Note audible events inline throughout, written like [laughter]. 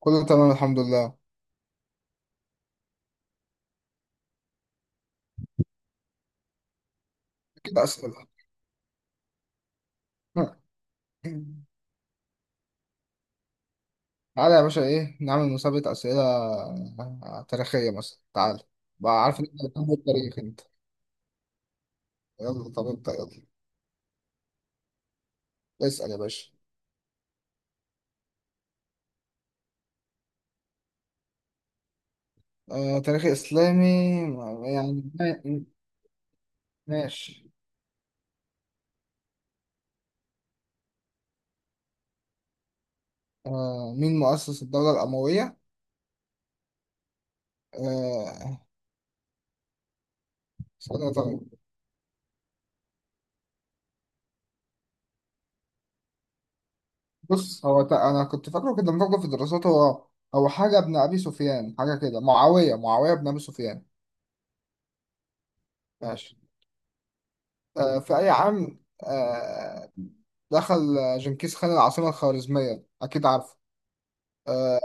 كله تمام الحمد لله. كده أسئلة؟ [laughs] تعالى يا باشا، إيه نعمل مسابقة أسئلة تاريخية مثلا. تعالى بقى، عارف إن أنت بتحب التاريخ أنت. يلا، طب أنت يلا. اسأل يا باشا. آه، تاريخ إسلامي. يعني ماشي. آه، مين مؤسس الدولة الأموية؟ آه، اسألها طيب. بص، هو أنا كنت فاكره كده، مفكر في الدراسات. هو حاجة ابن أبي سفيان، حاجة كده، معاوية ابن أبي سفيان. ماشي. في أي عام آه، دخل جنكيز خان العاصمة الخوارزمية؟ أكيد عارفه. آه،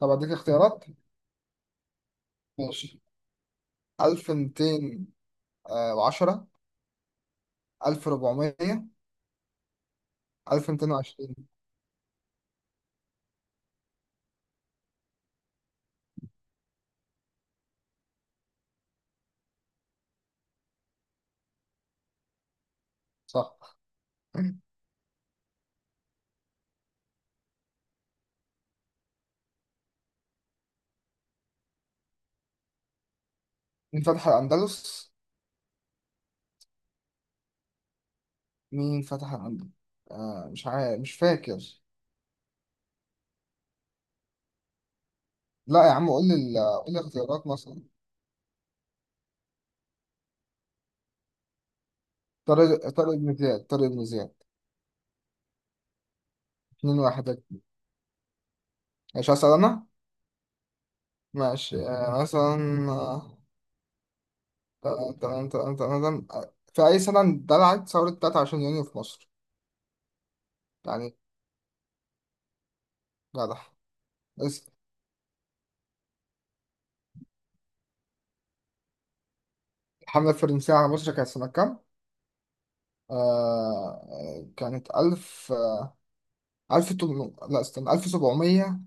طب أديك اختيارات. ماشي، 1210، 1400، 1220. صح. مين فتح الأندلس مين فتح الأندلس؟ مش عارف، مش فاكر. لا يا عم، قول لي اختيارات مثلا. طارق بن زياد. اتنين واحد. ماشي، هسأل أنا. ماشي. مثلا تمام تمام تمام تمام تمام. في أي سنة اندلعت ثورة 23 يونيو في مصر؟ يعني جدع. بس. الحملة الفرنسية على مصر كانت سنة كام؟ آه، كانت ألف، لا استنى، ألف سبعمية.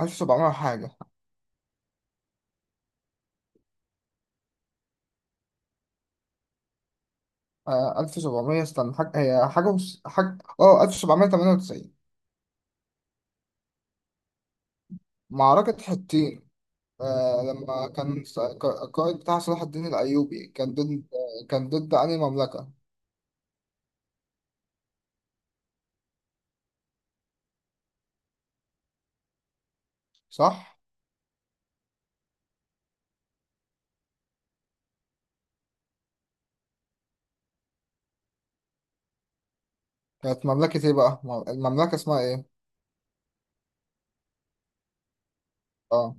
ألف سبعمية حاجة. آه، ألف سبعمية، استنى حاجة، هي حاجة حاجة، ألف سبعمية تمانية وتسعين. معركة حطين. آه، لما كان القائد بتاع صلاح الدين الأيوبي، كان ضد. كان ضد أنهي مملكة؟ صح؟ كانت مملكة إيه بقى؟ المملكة اسمها إيه؟ آه.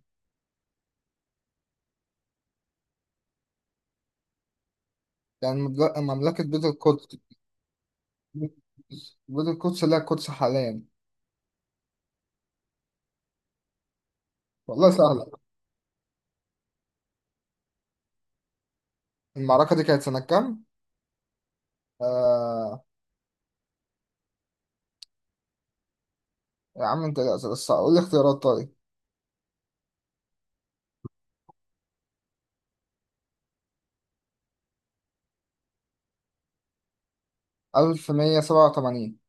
يعني مملكة بيت القدس. بيت القدس، لا، القدس حاليا. والله سهلة. المعركة دي كانت سنة كام؟ آه. يا عم انت، لا بس قول لي اختيارات طيب. 1187.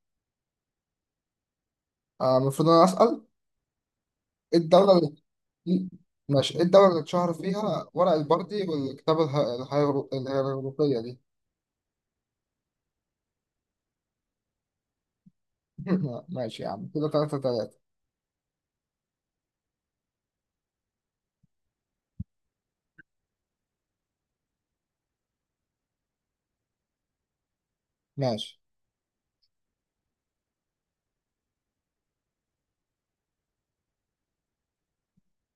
آه، المفروض انا اسأل. ايه الدولة اللي. ماشي، ايه الدولة اللي اتشهر فيها ورق البردي والكتابة الهيروغليفية دي؟ [laughs] ماشي يا عم، كده تلاتة تلاتة. ماشي.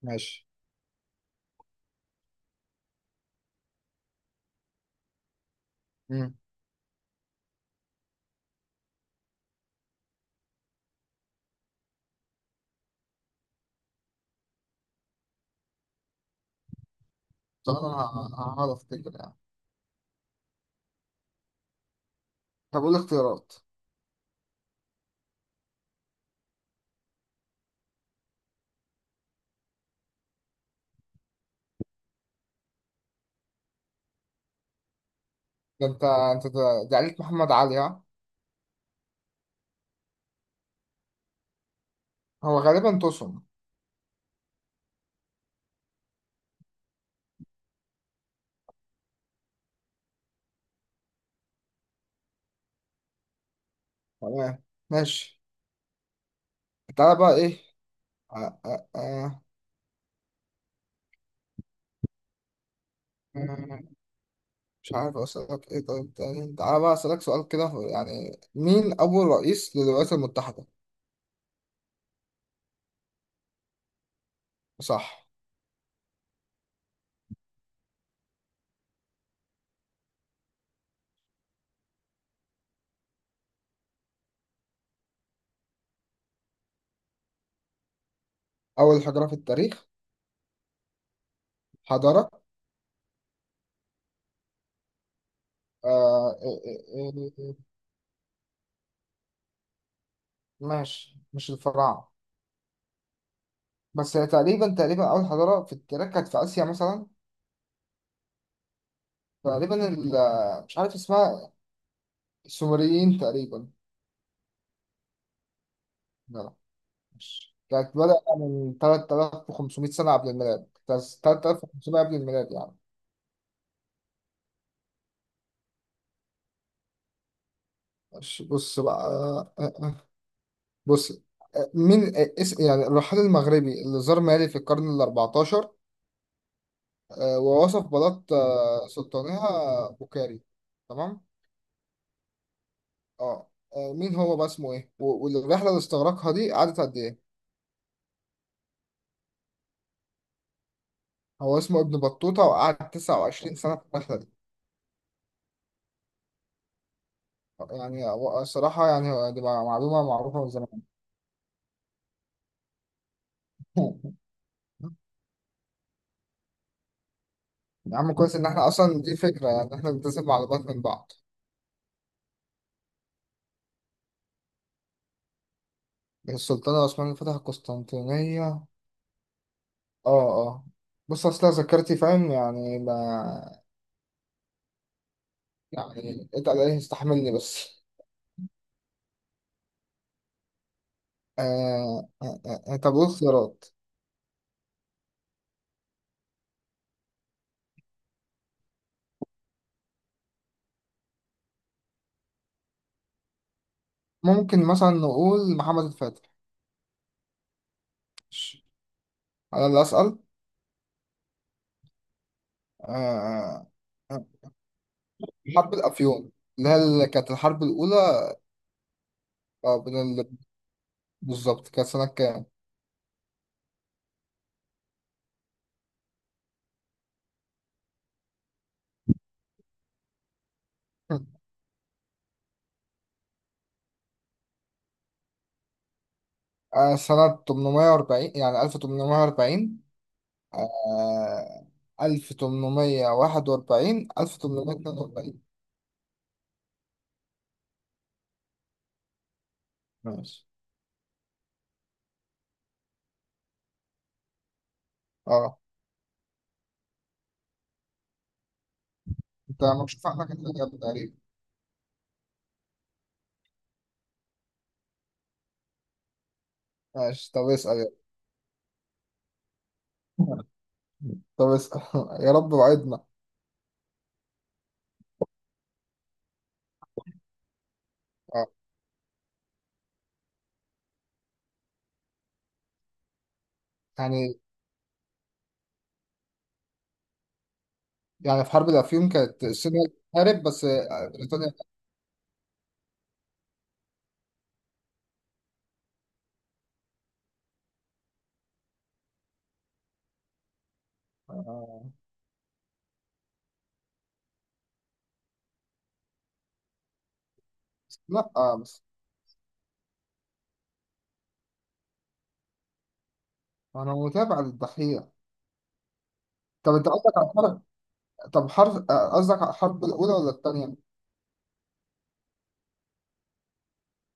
ماشي. مم. طب انا هقعد افتكر يعني. طب قول لي اختيارات. ده انت، ده عليك محمد علي، ها. هو غالبا تصم. تمام. ماشي. تعالى بقى ايه. آه آه آه. مش عارف اسألك ايه. طيب تاني، تعالى بقى اسألك سؤال كده، يعني مين أول رئيس للولايات المتحدة؟ صح. أول حجرة في التاريخ؟ حضارة. إيه إيه إيه. إيه. ماشي، مش الفراعنة. بس هي تقريبا تقريبا أول حضارة في التاريخ كانت في آسيا مثلا. تقريبا مش عارف اسمها. السومريين تقريبا. كانت بدأ من 3500 سنة قبل الميلاد، بس 3500 قبل الميلاد يعني. ماشي، بص بقى. بص، مين آه، اس يعني الرحال المغربي اللي زار مالي في القرن ال 14، ووصف بلاط سلطانها بوكاري. تمام. اه. مين هو بقى؟ اسمه ايه والرحلة اللي استغرقها دي قعدت قد ايه؟ هو اسمه ابن بطوطة، وقعد 29 سنة في الرحلة. يعني الصراحة يعني، هو دي معلومة معروفة من زمان. [laughs] يا عم كويس ان احنا اصلا دي فكره، يعني احنا بنتسب على بعض من بعض. السلطان العثماني فتح القسطنطينيه. اه. اه. بص، اصل ذاكرتي فاهم يعني، ما. يعني اتقل عليه، استحملني بس. طب ايه الخيارات؟ ممكن مثلا نقول محمد الفاتح. على اللي اسال. آه آه. آه. حرب الافيون، اللي هي كانت الحرب الاولى. بين بالظبط، كانت سنه كام؟ [laughs] سنه 840، يعني 1840. آه 1841، 1842. ماشي. اه. انت مكشوف عنك انت، الإجابة تقريبا. ماشي، طب اسأل يلا. طب اسأل. [laughs] يا رب وعدنا. اه. يعني يعني في حرب الأفيون كانت الصين هي اللي بتحارب بس، بريطانيا. آه. لا، بس. أنا متابع للضحية. طب أنت قصدك على الحرب؟ طب حرب، قصدك على الحرب الأولى ولا التانية؟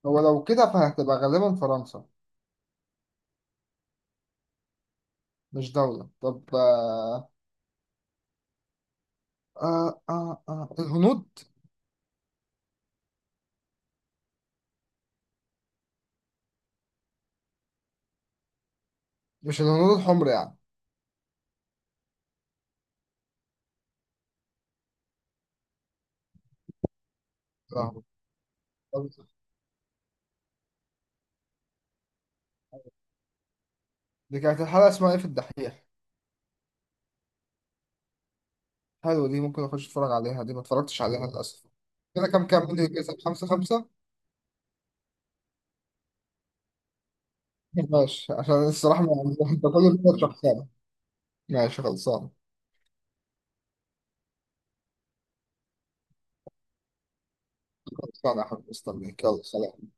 هو لو كده فهتبقى غالبا فرنسا. مش دولة، طب آه. الهنود. مش الهنود الحمر يعني. مم. فاهم. طب دي كانت الحلقة اسمها ايه في الدحيح؟ حلو، دي ممكن اخش اتفرج عليها، دي ما اتفرجتش عليها للاسف. كده كام كام دي؟ كسب خمسة خمسة. ماشي عشان الصراحة ما. [laughs] انت كل ده شخصانة. ماشي، خلصانة. خلصانة يا حبيبي، استنيك، يلا سلام.